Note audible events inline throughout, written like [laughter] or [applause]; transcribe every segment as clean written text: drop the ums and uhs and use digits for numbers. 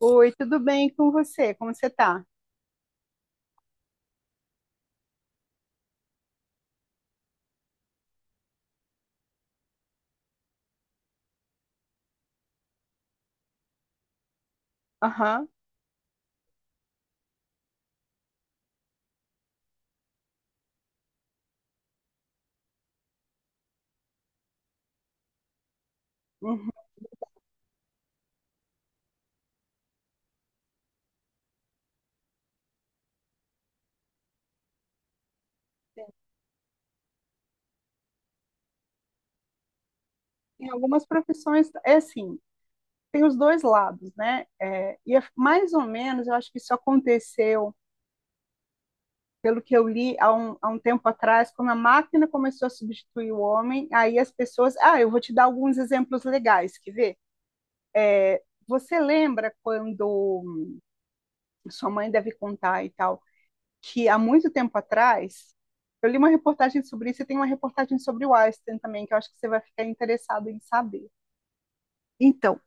Oi, tudo bem com você? Como você tá? Aham. Uhum. Em algumas profissões é assim, tem os dois lados, né? É, e é mais ou menos, eu acho que isso aconteceu, pelo que eu li há um tempo atrás, quando a máquina começou a substituir o homem, aí as pessoas. Ah, eu vou te dar alguns exemplos legais, que ver. Você lembra quando sua mãe deve contar e tal? Que há muito tempo atrás, eu li uma reportagem sobre isso e tem uma reportagem sobre o Einstein também, que eu acho que você vai ficar interessado em saber. Então,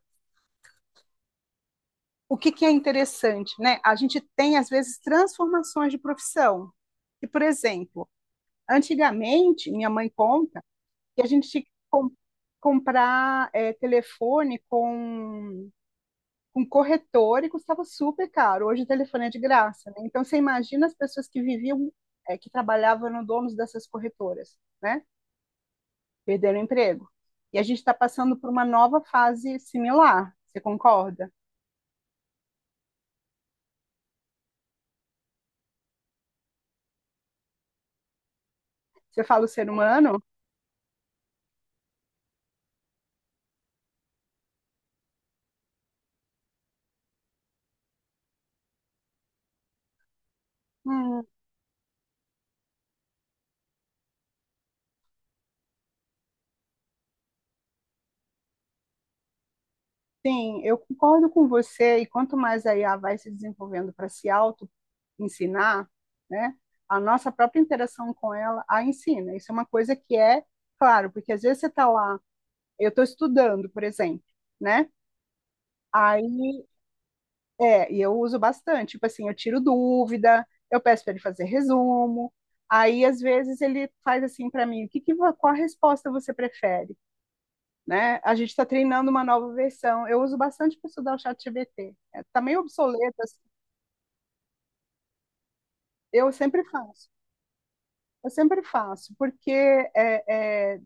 o que que é interessante, né? A gente tem, às vezes, transformações de profissão. E, por exemplo, antigamente, minha mãe conta que a gente tinha que comprar telefone com corretor e custava super caro. Hoje o telefone é de graça, né? Então, você imagina as pessoas que viviam, que trabalhavam no donos dessas corretoras, né? Perderam o emprego. E a gente está passando por uma nova fase similar, você concorda? Você fala o ser humano? Hum, sim, eu concordo com você, e quanto mais a IA vai se desenvolvendo para se auto-ensinar, né, a nossa própria interação com ela a ensina. Isso é uma coisa que é, claro, porque às vezes você está lá, eu estou estudando, por exemplo, né? Aí É, e eu uso bastante. Tipo assim, eu tiro dúvida, eu peço para ele fazer resumo. Aí, às vezes, ele faz assim para mim: o que que, qual a resposta você prefere? Né? A gente está treinando uma nova versão. Eu uso bastante para estudar o chat GPT. Está meio obsoleto, assim. Eu sempre faço. Eu sempre faço, porque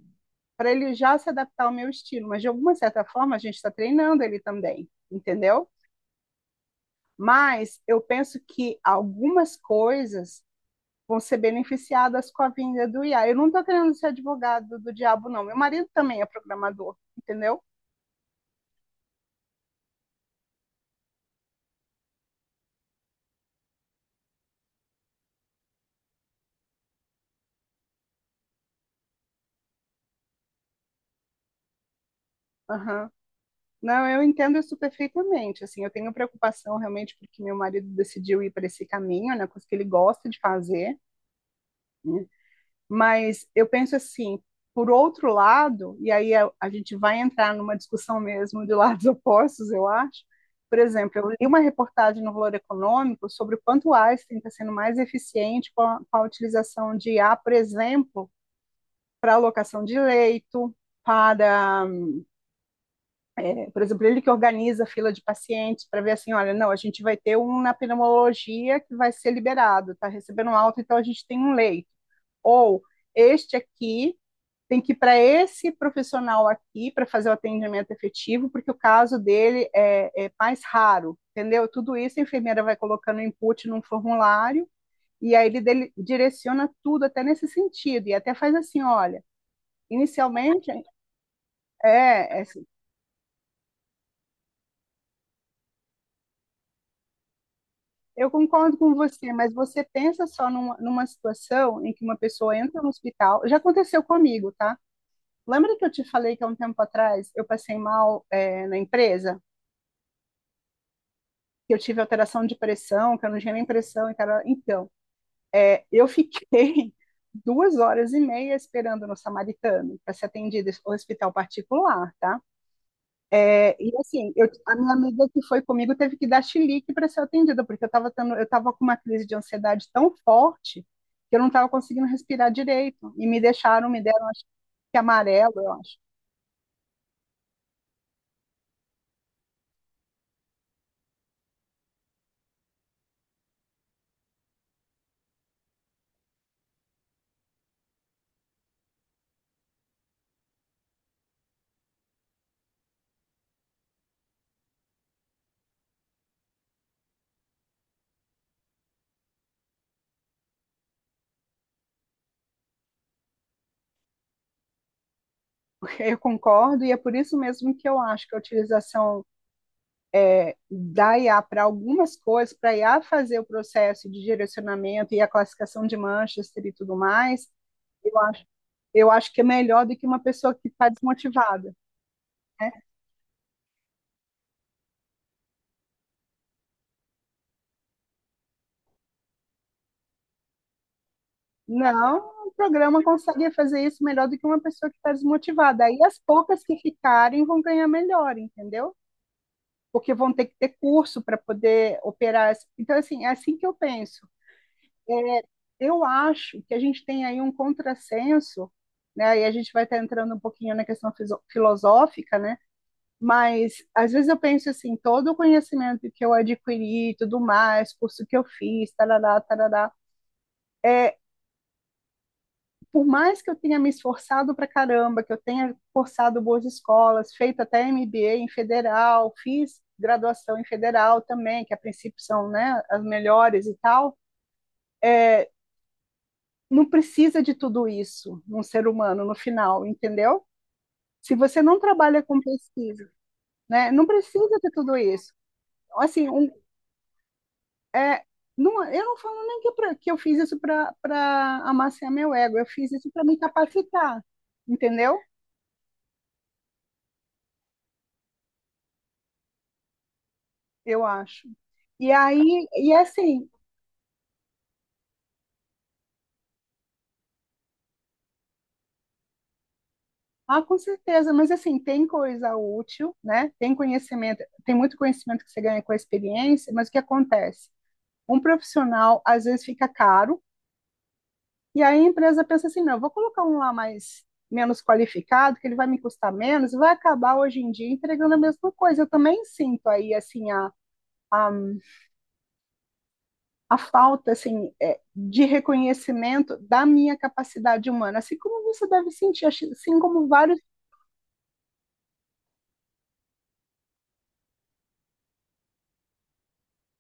para ele já se adaptar ao meu estilo. Mas, de alguma certa forma, a gente está treinando ele também, entendeu? Mas eu penso que algumas coisas vão ser beneficiadas com a vinda do IA. Eu não estou querendo ser advogado do diabo, não. Meu marido também é programador, entendeu? Aham. Não, eu entendo isso perfeitamente. Assim, eu tenho preocupação realmente porque meu marido decidiu ir para esse caminho, né, coisa que ele gosta de fazer. Mas eu penso assim, por outro lado, e aí a gente vai entrar numa discussão mesmo de lados [laughs] opostos, eu acho. Por exemplo, eu li uma reportagem no Valor Econômico sobre o quanto o Einstein está sendo mais eficiente com a utilização de I A, por exemplo, para alocação de leito, para, por exemplo, ele que organiza a fila de pacientes para ver assim, olha, não, a gente vai ter um na pneumologia que vai ser liberado, está recebendo alta, então a gente tem um leito. Ou este aqui tem que ir para esse profissional aqui para fazer o atendimento efetivo, porque o caso dele é, mais raro, entendeu? Tudo isso a enfermeira vai colocando input num formulário e aí ele dele, direciona tudo até nesse sentido e até faz assim, olha, inicialmente é assim, eu concordo com você, mas você pensa só numa situação em que uma pessoa entra no hospital, já aconteceu comigo, tá? Lembra que eu te falei que há um tempo atrás eu passei mal na empresa? Que eu tive alteração de pressão, que eu não tinha nem pressão, e cara, então, eu fiquei [laughs] duas horas e meia esperando no Samaritano para ser atendida no hospital particular, tá? É, e assim, eu, a minha amiga que foi comigo teve que dar chilique para ser atendida, porque eu tava com uma crise de ansiedade tão forte que eu não estava conseguindo respirar direito. E me deram, acho que amarelo, eu acho. [laughs] Eu concordo, e é por isso mesmo que eu acho que a utilização da IA para algumas coisas, para a IA fazer o processo de direcionamento e a classificação de manchas e tudo mais, eu acho, eu acho que é melhor do que uma pessoa que está desmotivada. Né? Não, o programa consegue fazer isso melhor do que uma pessoa que está desmotivada. Aí as poucas que ficarem vão ganhar melhor, entendeu? Porque vão ter que ter curso para poder operar. Então, assim, é assim que eu penso. é, eu acho que a gente tem aí um contrassenso, né? E a gente vai estar entrando um pouquinho na questão filosófica, né? Mas às vezes eu penso assim, todo o conhecimento que eu adquiri, e tudo mais, curso que eu fiz, tarará, tarará, é, por mais que eu tenha me esforçado pra caramba, que eu tenha cursado boas escolas, feito até MBA em federal, fiz graduação em federal também, que a princípio são, né, as melhores e tal, não precisa de tudo isso num ser humano no final, entendeu? Se você não trabalha com pesquisa, né? Não precisa de tudo isso. Assim, é, não, eu não falo nem que, que eu fiz isso para amaciar meu ego, eu fiz isso para me capacitar, entendeu? Eu acho. E aí, e assim, ah, com certeza, mas assim, tem coisa útil, né? Tem conhecimento, tem muito conhecimento que você ganha com a experiência, mas o que acontece? Um profissional às vezes fica caro. E aí a empresa pensa assim, não, eu vou colocar um lá mais menos qualificado, que ele vai me custar menos, e vai acabar hoje em dia entregando a mesma coisa. Eu também sinto aí assim a, a falta assim de reconhecimento da minha capacidade humana, assim como você deve sentir, assim como vários.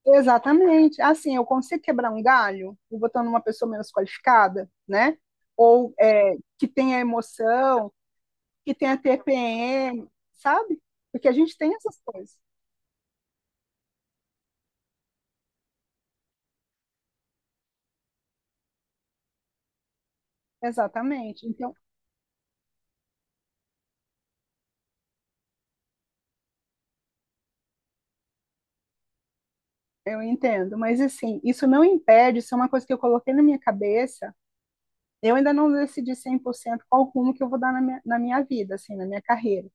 Exatamente, assim eu consigo quebrar um galho botando uma pessoa menos qualificada, né? Ou que tenha emoção, que tenha TPM, sabe? Porque a gente tem essas coisas. Exatamente. Então, eu entendo, mas assim, isso não impede, isso é uma coisa que eu coloquei na minha cabeça. Eu ainda não decidi 100% qual rumo que eu vou dar na minha vida, assim, na minha carreira.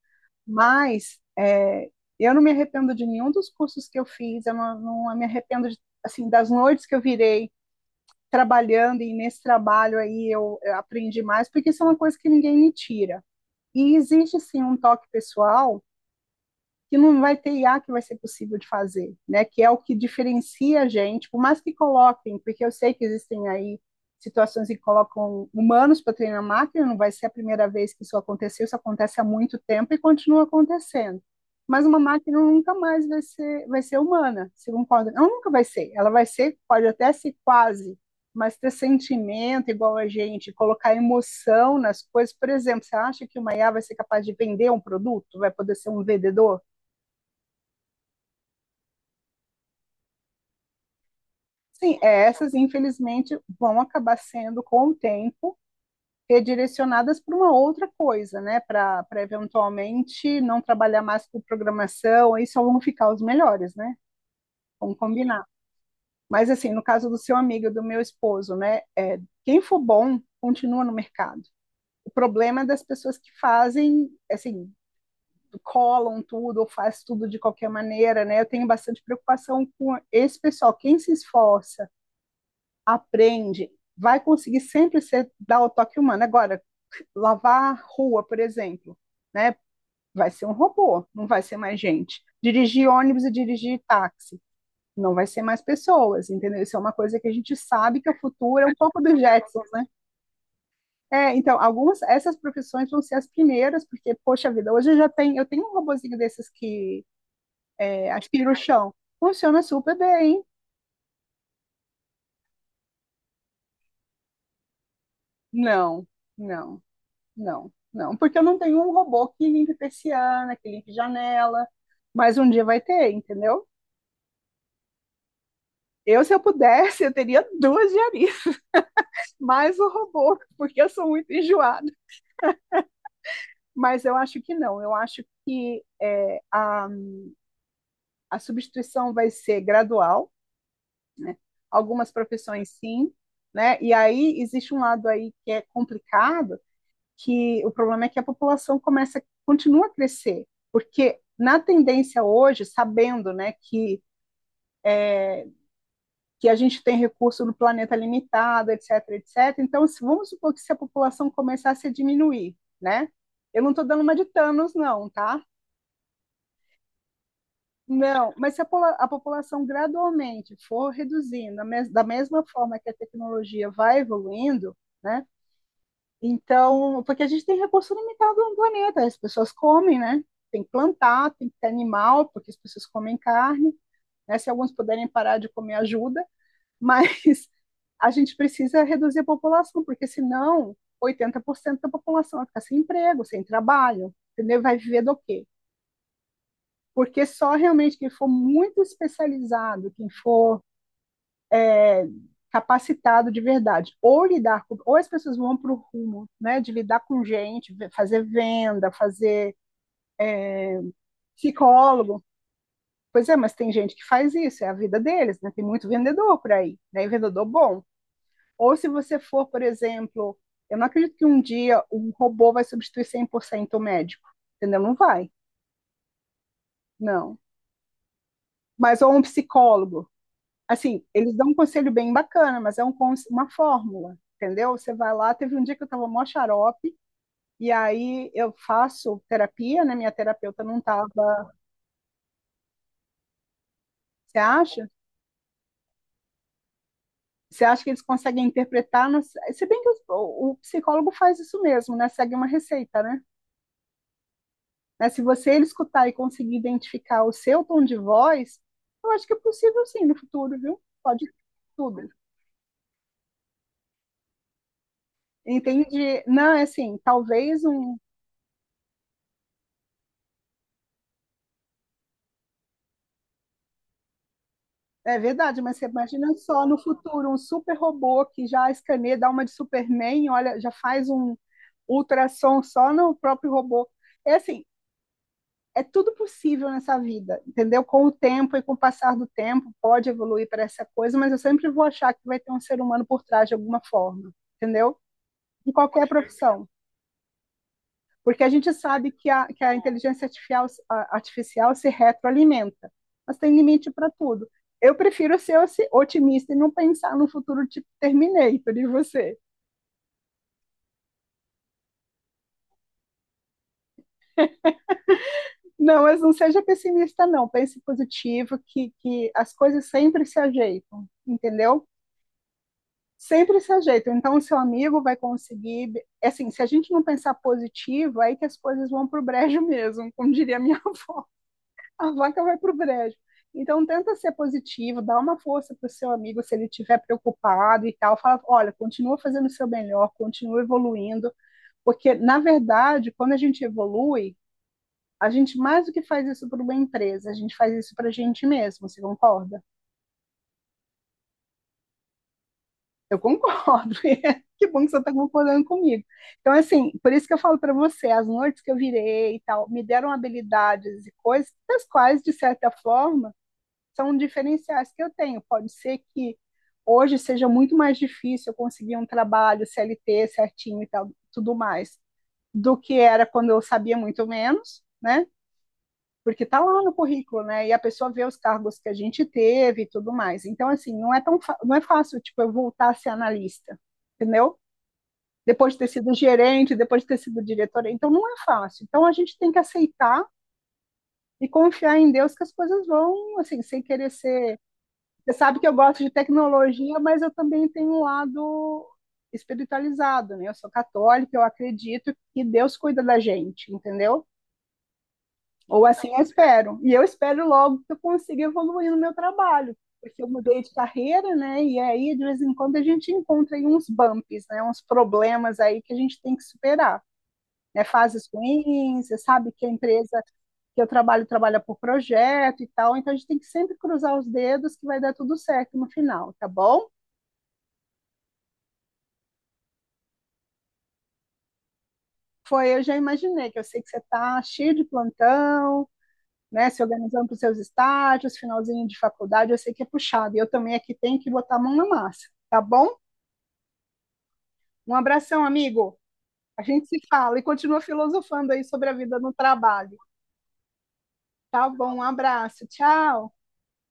Mas eu não me arrependo de nenhum dos cursos que eu fiz, eu não me arrependo de, assim, das noites que eu virei trabalhando, e nesse trabalho aí eu aprendi mais, porque isso é uma coisa que ninguém me tira. E existe, sim, um toque pessoal que não vai ter IA que vai ser possível de fazer, né? Que é o que diferencia a gente, por mais que coloquem, porque eu sei que existem aí situações em que colocam humanos para treinar máquina, não vai ser a primeira vez que isso aconteceu, isso acontece há muito tempo e continua acontecendo. Mas uma máquina nunca mais vai ser humana, segundo pode, ela nunca vai ser, ela vai ser, pode até ser quase, mas ter sentimento igual a gente, colocar emoção nas coisas, por exemplo, você acha que uma IA vai ser capaz de vender um produto, vai poder ser um vendedor? Sim, essas, infelizmente, vão acabar sendo, com o tempo, redirecionadas para uma outra coisa, né? Para eventualmente não trabalhar mais com programação, aí só vão ficar os melhores, né? Vamos combinar. Mas, assim, no caso do seu amigo, e do meu esposo, né? Quem for bom, continua no mercado. O problema é das pessoas que fazem, assim, colam tudo ou faz tudo de qualquer maneira, né? Eu tenho bastante preocupação com esse pessoal. Quem se esforça aprende, vai conseguir sempre ser, dar o toque humano. Agora, lavar rua, por exemplo, né? Vai ser um robô, não vai ser mais gente. Dirigir ônibus e dirigir táxi, não vai ser mais pessoas, entendeu? Isso é uma coisa que a gente sabe que o futuro é um pouco dos Jetsons, né? É, então, algumas, essas profissões vão ser as primeiras, porque, poxa vida, hoje eu já tenho, eu tenho um robozinho desses que aspira o chão. Funciona super bem. Hein? Não, não. Não, não, porque eu não tenho um robô que limpe persiana, que limpe janela, mas um dia vai ter, entendeu? Se eu pudesse, eu teria duas diaristas, [laughs] mais o robô, porque eu sou muito enjoada. Mas eu acho que não, eu acho que a substituição vai ser gradual, né? Algumas profissões sim, né? E aí existe um lado aí que é complicado, que o problema é que a população continua a crescer, porque na tendência hoje, sabendo, né, que a gente tem recurso no planeta limitado, etc, etc. Então, se, vamos supor que se a população começasse a diminuir, né? Eu não estou dando uma de Thanos, não, tá? Não, mas se a população gradualmente for reduzindo, mes da mesma forma que a tecnologia vai evoluindo, né? Então, porque a gente tem recurso limitado no planeta, as pessoas comem, né? Tem que plantar, tem que ter animal, porque as pessoas comem carne, né? Se alguns puderem parar de comer, ajuda, mas [laughs] a gente precisa reduzir a população, porque senão 80% da população vai ficar sem emprego, sem trabalho, entendeu? Vai viver do quê? Porque só realmente quem for muito especializado, quem for é, capacitado de verdade, ou lidar com, ou as pessoas vão para o rumo, né, de lidar com gente, fazer venda, fazer psicólogo. Pois é, mas tem gente que faz isso, é a vida deles, né? Tem muito vendedor por aí, né? E vendedor bom. Ou se você for, por exemplo, eu não acredito que um dia um robô vai substituir 100% o médico, entendeu? Não vai, não. Mas ou um psicólogo. Assim, eles dão um conselho bem bacana, mas é um, uma fórmula, entendeu? Você vai lá, teve um dia que eu estava mó xarope, e aí eu faço terapia, né? Minha terapeuta não estava. Você acha? Você acha que eles conseguem interpretar? Não sei. Se bem que o psicólogo faz isso mesmo, né? Segue uma receita, né? Né? Se você ele escutar e conseguir identificar o seu tom de voz, eu acho que é possível sim no futuro, viu? Pode tudo. Entende? Não, é assim, talvez um. É verdade, mas você imagina só no futuro um super robô que já escaneia, dá uma de Superman, olha, já faz um ultrassom só no próprio robô. É assim, é tudo possível nessa vida, entendeu? Com o tempo e com o passar do tempo, pode evoluir para essa coisa, mas eu sempre vou achar que vai ter um ser humano por trás de alguma forma, entendeu? De qualquer profissão, porque a gente sabe que que a inteligência artificial, artificial se retroalimenta, mas tem limite para tudo. Eu prefiro ser otimista e não pensar no futuro tipo Terminator e você. Não, mas não seja pessimista, não. Pense positivo, que as coisas sempre se ajeitam, entendeu? Sempre se ajeitam. Então, o seu amigo vai conseguir. Assim, se a gente não pensar positivo, é aí que as coisas vão para o brejo mesmo, como diria minha [laughs] a vaca vai para o brejo. Então, tenta ser positivo, dá uma força para o seu amigo se ele estiver preocupado e tal. Fala, olha, continua fazendo o seu melhor, continua evoluindo, porque, na verdade, quando a gente evolui, a gente mais do que faz isso para uma empresa, a gente faz isso para a gente mesmo, você concorda? Eu concordo. [laughs] Que bom que você está concordando comigo. Então, assim, por isso que eu falo para você, as noites que eu virei e tal, me deram habilidades e coisas das quais, de certa forma, são diferenciais que eu tenho. Pode ser que hoje seja muito mais difícil eu conseguir um trabalho CLT certinho e tal, tudo mais, do que era quando eu sabia muito menos, né? Porque tá lá no currículo, né? E a pessoa vê os cargos que a gente teve e tudo mais. Então, assim, não é fácil, tipo, eu voltar a ser analista, entendeu? Depois de ter sido gerente, depois de ter sido diretora. Então, não é fácil. Então, a gente tem que aceitar e confiar em Deus que as coisas vão, assim, sem querer ser. Você sabe que eu gosto de tecnologia, mas eu também tenho um lado espiritualizado, né? Eu sou católica, eu acredito que Deus cuida da gente, entendeu? Ou assim eu espero. E eu espero logo que eu consiga evoluir no meu trabalho, porque eu mudei de carreira, né? E aí, de vez em quando, a gente encontra aí uns bumps, né? Uns problemas aí que a gente tem que superar. Né? Fases ruins, você sabe que a empresa que eu trabalho trabalha por projeto e tal, então a gente tem que sempre cruzar os dedos que vai dar tudo certo no final, tá bom? Foi, eu já imaginei, que eu sei que você está cheio de plantão, né, se organizando para os seus estágios, finalzinho de faculdade, eu sei que é puxado. E eu também aqui tenho que botar a mão na massa, tá bom? Um abração, amigo. A gente se fala e continua filosofando aí sobre a vida no trabalho. Tá bom, um abraço. Tchau.